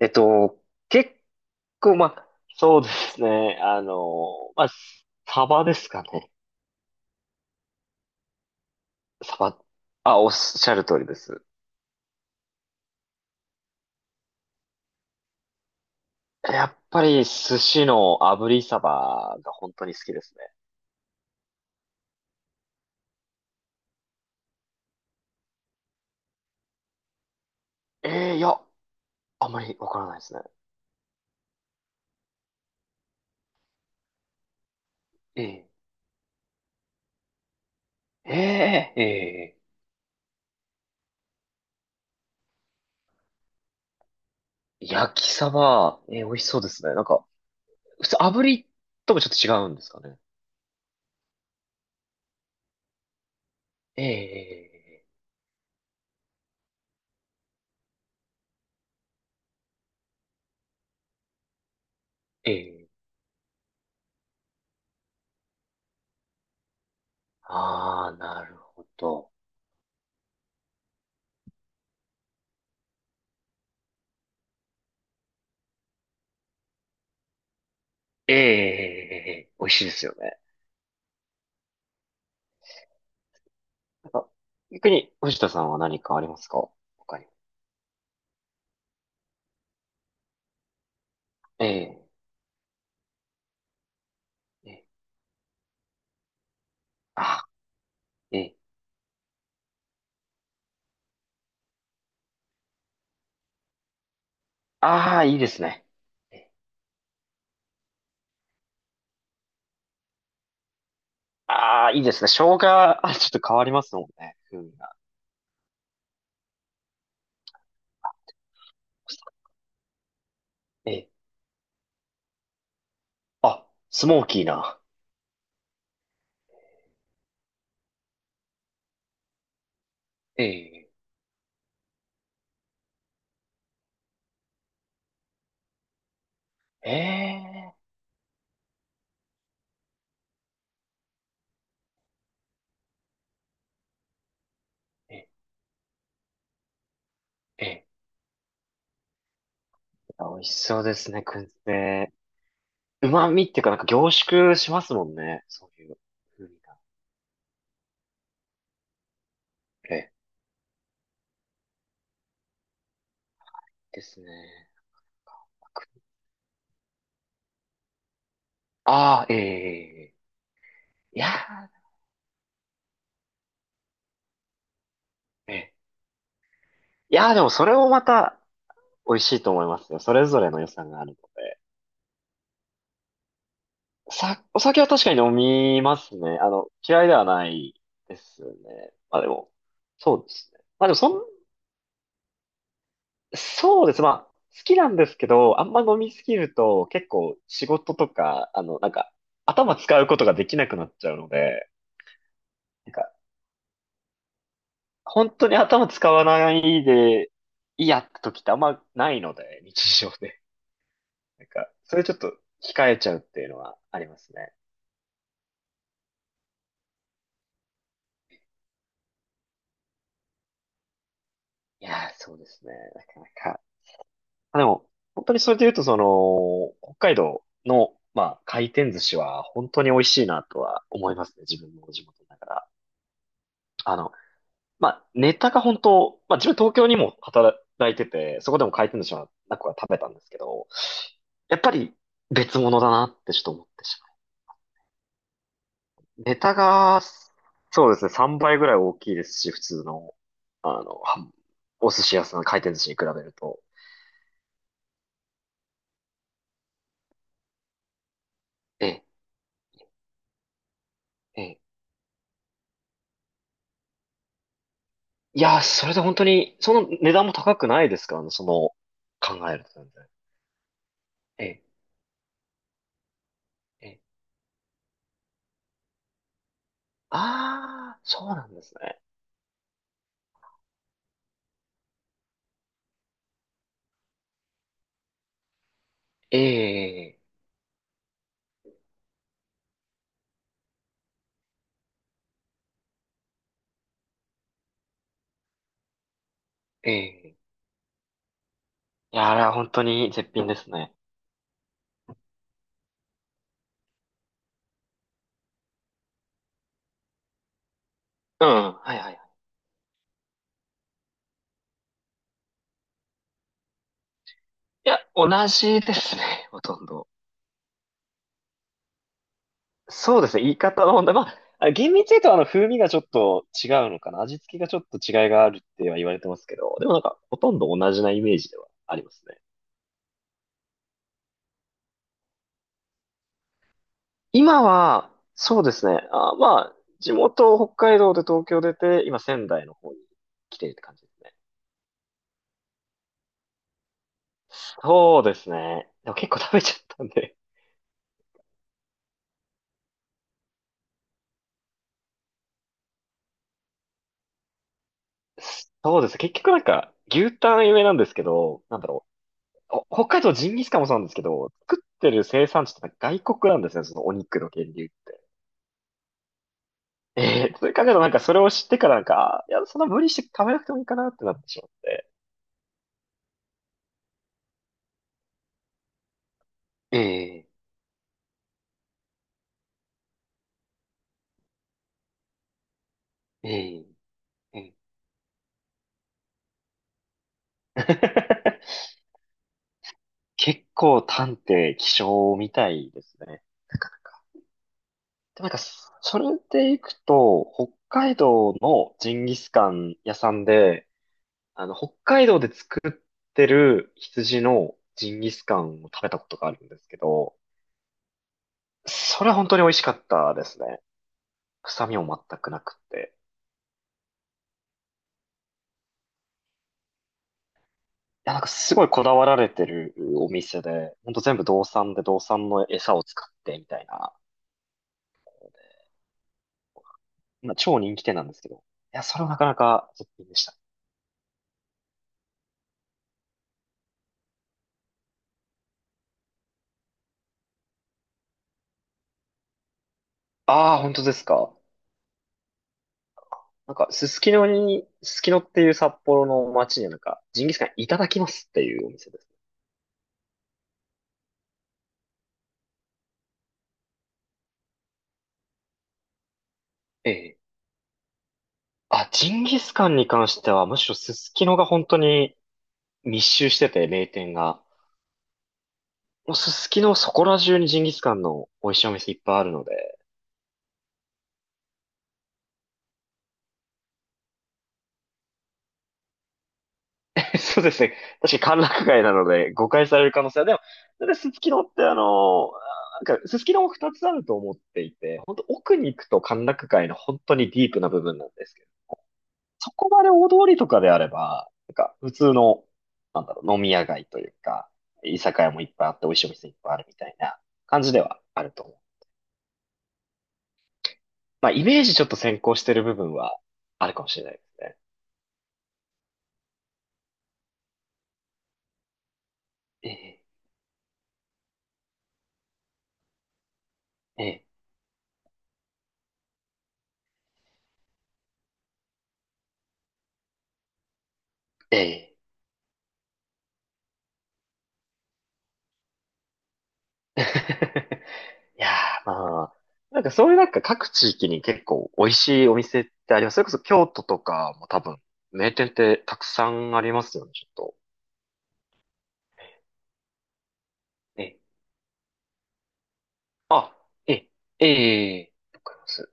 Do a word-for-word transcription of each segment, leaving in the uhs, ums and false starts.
えっと、結構、まあ、そうですね。あの、まあ、サバですかね。サバ。あ、おっしゃる通りです。やっぱり寿司の炙りサバが本当に好きですね。ええ、いや、あんまりわからないですね。ええ、ええ、ええ、焼きサバ、ええ、美味しそうですね。なんか、普通炙りともちょっと違うんですかね。ええ、ええ、ええ、ああー、なるほど。ええ、ええ、美味しいですよね。なんか、逆に、藤田さんは何かありますか、他に？ええ、ええ、あ、ええ、ああ、いいですね。ええ、ああ、いいですね。生姜、あ、ちょっと変わりますもんね。風味が。ええ、あ、スモーキーな。ええ、ええ、ええ、ええ、美味しそうですね、燻製。旨味っていうか、なんか凝縮しますもんね。そういう風味が。ええ、ですね。ああ、ええ、ええ、ええ、いやー、ええ、いやー、でもそれをまた、美味しいと思いますよ。それぞれの良さがあるので。さ、お酒は確かに飲みますね。あの、嫌いではないですね。まあでも、そうですね。まあでもそん、そうです。まあ、好きなんですけど、あんま飲みすぎると結構仕事とか、あの、なんか、頭使うことができなくなっちゃうので、なんか、本当に頭使わないで、いいやって時ってあんまないので、日常で。なんか、それちょっと控えちゃうっていうのはありますね。いやー、そうですね。なかなか。あ、でも、本当にそれで言うと、その、北海道の、まあ、回転寿司は本当に美味しいなとは思いますね。自分の地元だから。あの、まあ、ネタが本当、まあ、自分東京にも働いてて、そこでも回転寿司はなく食べたんですけど、やっぱり別物だなってちょっと思ってしまう。ネタが、そうですね、さんばいぐらい大きいですし、普通の、あの、はお寿司屋さん、回転寿司に比べると。ええ、ええ、いやー、それで本当に、その値段も高くないですか、その、考えると全然。ええ、ええ。ああ、そうなんですね。ええ、ええ。いや、あれは本当に絶品ですね。うん、はいはいはい。いや、同じですね、ほとんど。そうですね、言い方の問題。まあ、あ厳密に言うとあの、風味がちょっと違うのかな。味付けがちょっと違いがあるっては言われてますけど、でもなんか、ほとんど同じなイメージではありますね。今は、そうですね。あ、まあ、地元北海道で東京出て、今仙台の方に来てるって感じですね。そうですね。でも結構食べちゃったんで。そうです。結局なんか、牛タン有名なんですけど、なんだろう。お北海道ジンギスカンもそうなんですけど、作ってる生産地ってなんか外国なんですね、そのお肉の源流って。ええ、それ考えるとなんかそれを知ってからなんか、あ、いや、そんな無理して食べなくてもいいかなってなってしまって。ええ、ええ、ええ、 結構探偵、気象みたいですね。なかなか。で、なんか、それで行くと、北海道のジンギスカン屋さんで、あの、北海道で作ってる羊のジンギスカンを食べたことがあるんですけど、それは本当に美味しかったですね。臭みも全くなくて。いや、なんかすごいこだわられてるお店で、ほんと全部道産で道産の餌を使ってみたいな、まあ、超人気店なんですけど、いや、それはなかなか絶品でした。ああ、本当ですか。なんか、すすきのに、すすきのっていう札幌の街になんか、ジンギスカンいただきますっていうお店です。ええ。あ、ジンギスカンに関しては、むしろすすきのが本当に密集してて、名店が。もうすすきのそこら中にジンギスカンの美味しいお店いっぱいあるので。そうですね。確かに歓楽街なので、誤解される可能性は。でも、だってすすきのってあの、なんか、すすきのもふたつあると思っていて、本当奥に行くと歓楽街の本当にディープな部分なんですけど、そこまで大通りとかであれば、なんか普通の、なんだろう、飲み屋街というか、居酒屋もいっぱいあって美味しいお店いっぱいあるみたいな感じではあると思う。まあ、イメージちょっと先行してる部分はあるかもしれないですね。ええ、ええ、ええ。いやー、まあ、なんかそういうなんか各地域に結構美味しいお店ってあります。それこそ京都とかも多分名店ってたくさんありますよね、ちょっと。ええ、あ、ええ、ええ、わかります。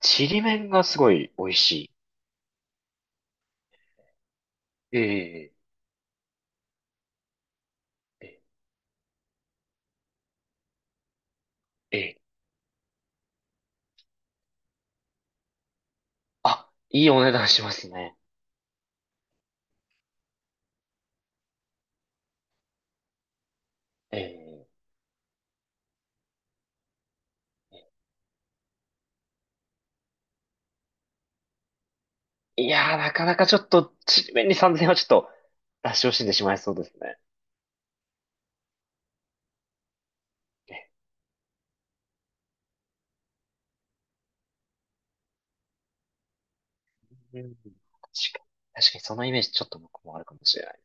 ちりめんがすごい美味しい。ええ、ええ、ええ、あ、いいお値段しますね。え、え、いやー、なかなかちょっと、ちりめんにさんぜんえんはちょっと、出し惜しんでしまいそうですね。ええ、うん、確かに、確かにそのイメージちょっと僕もあるかもしれない。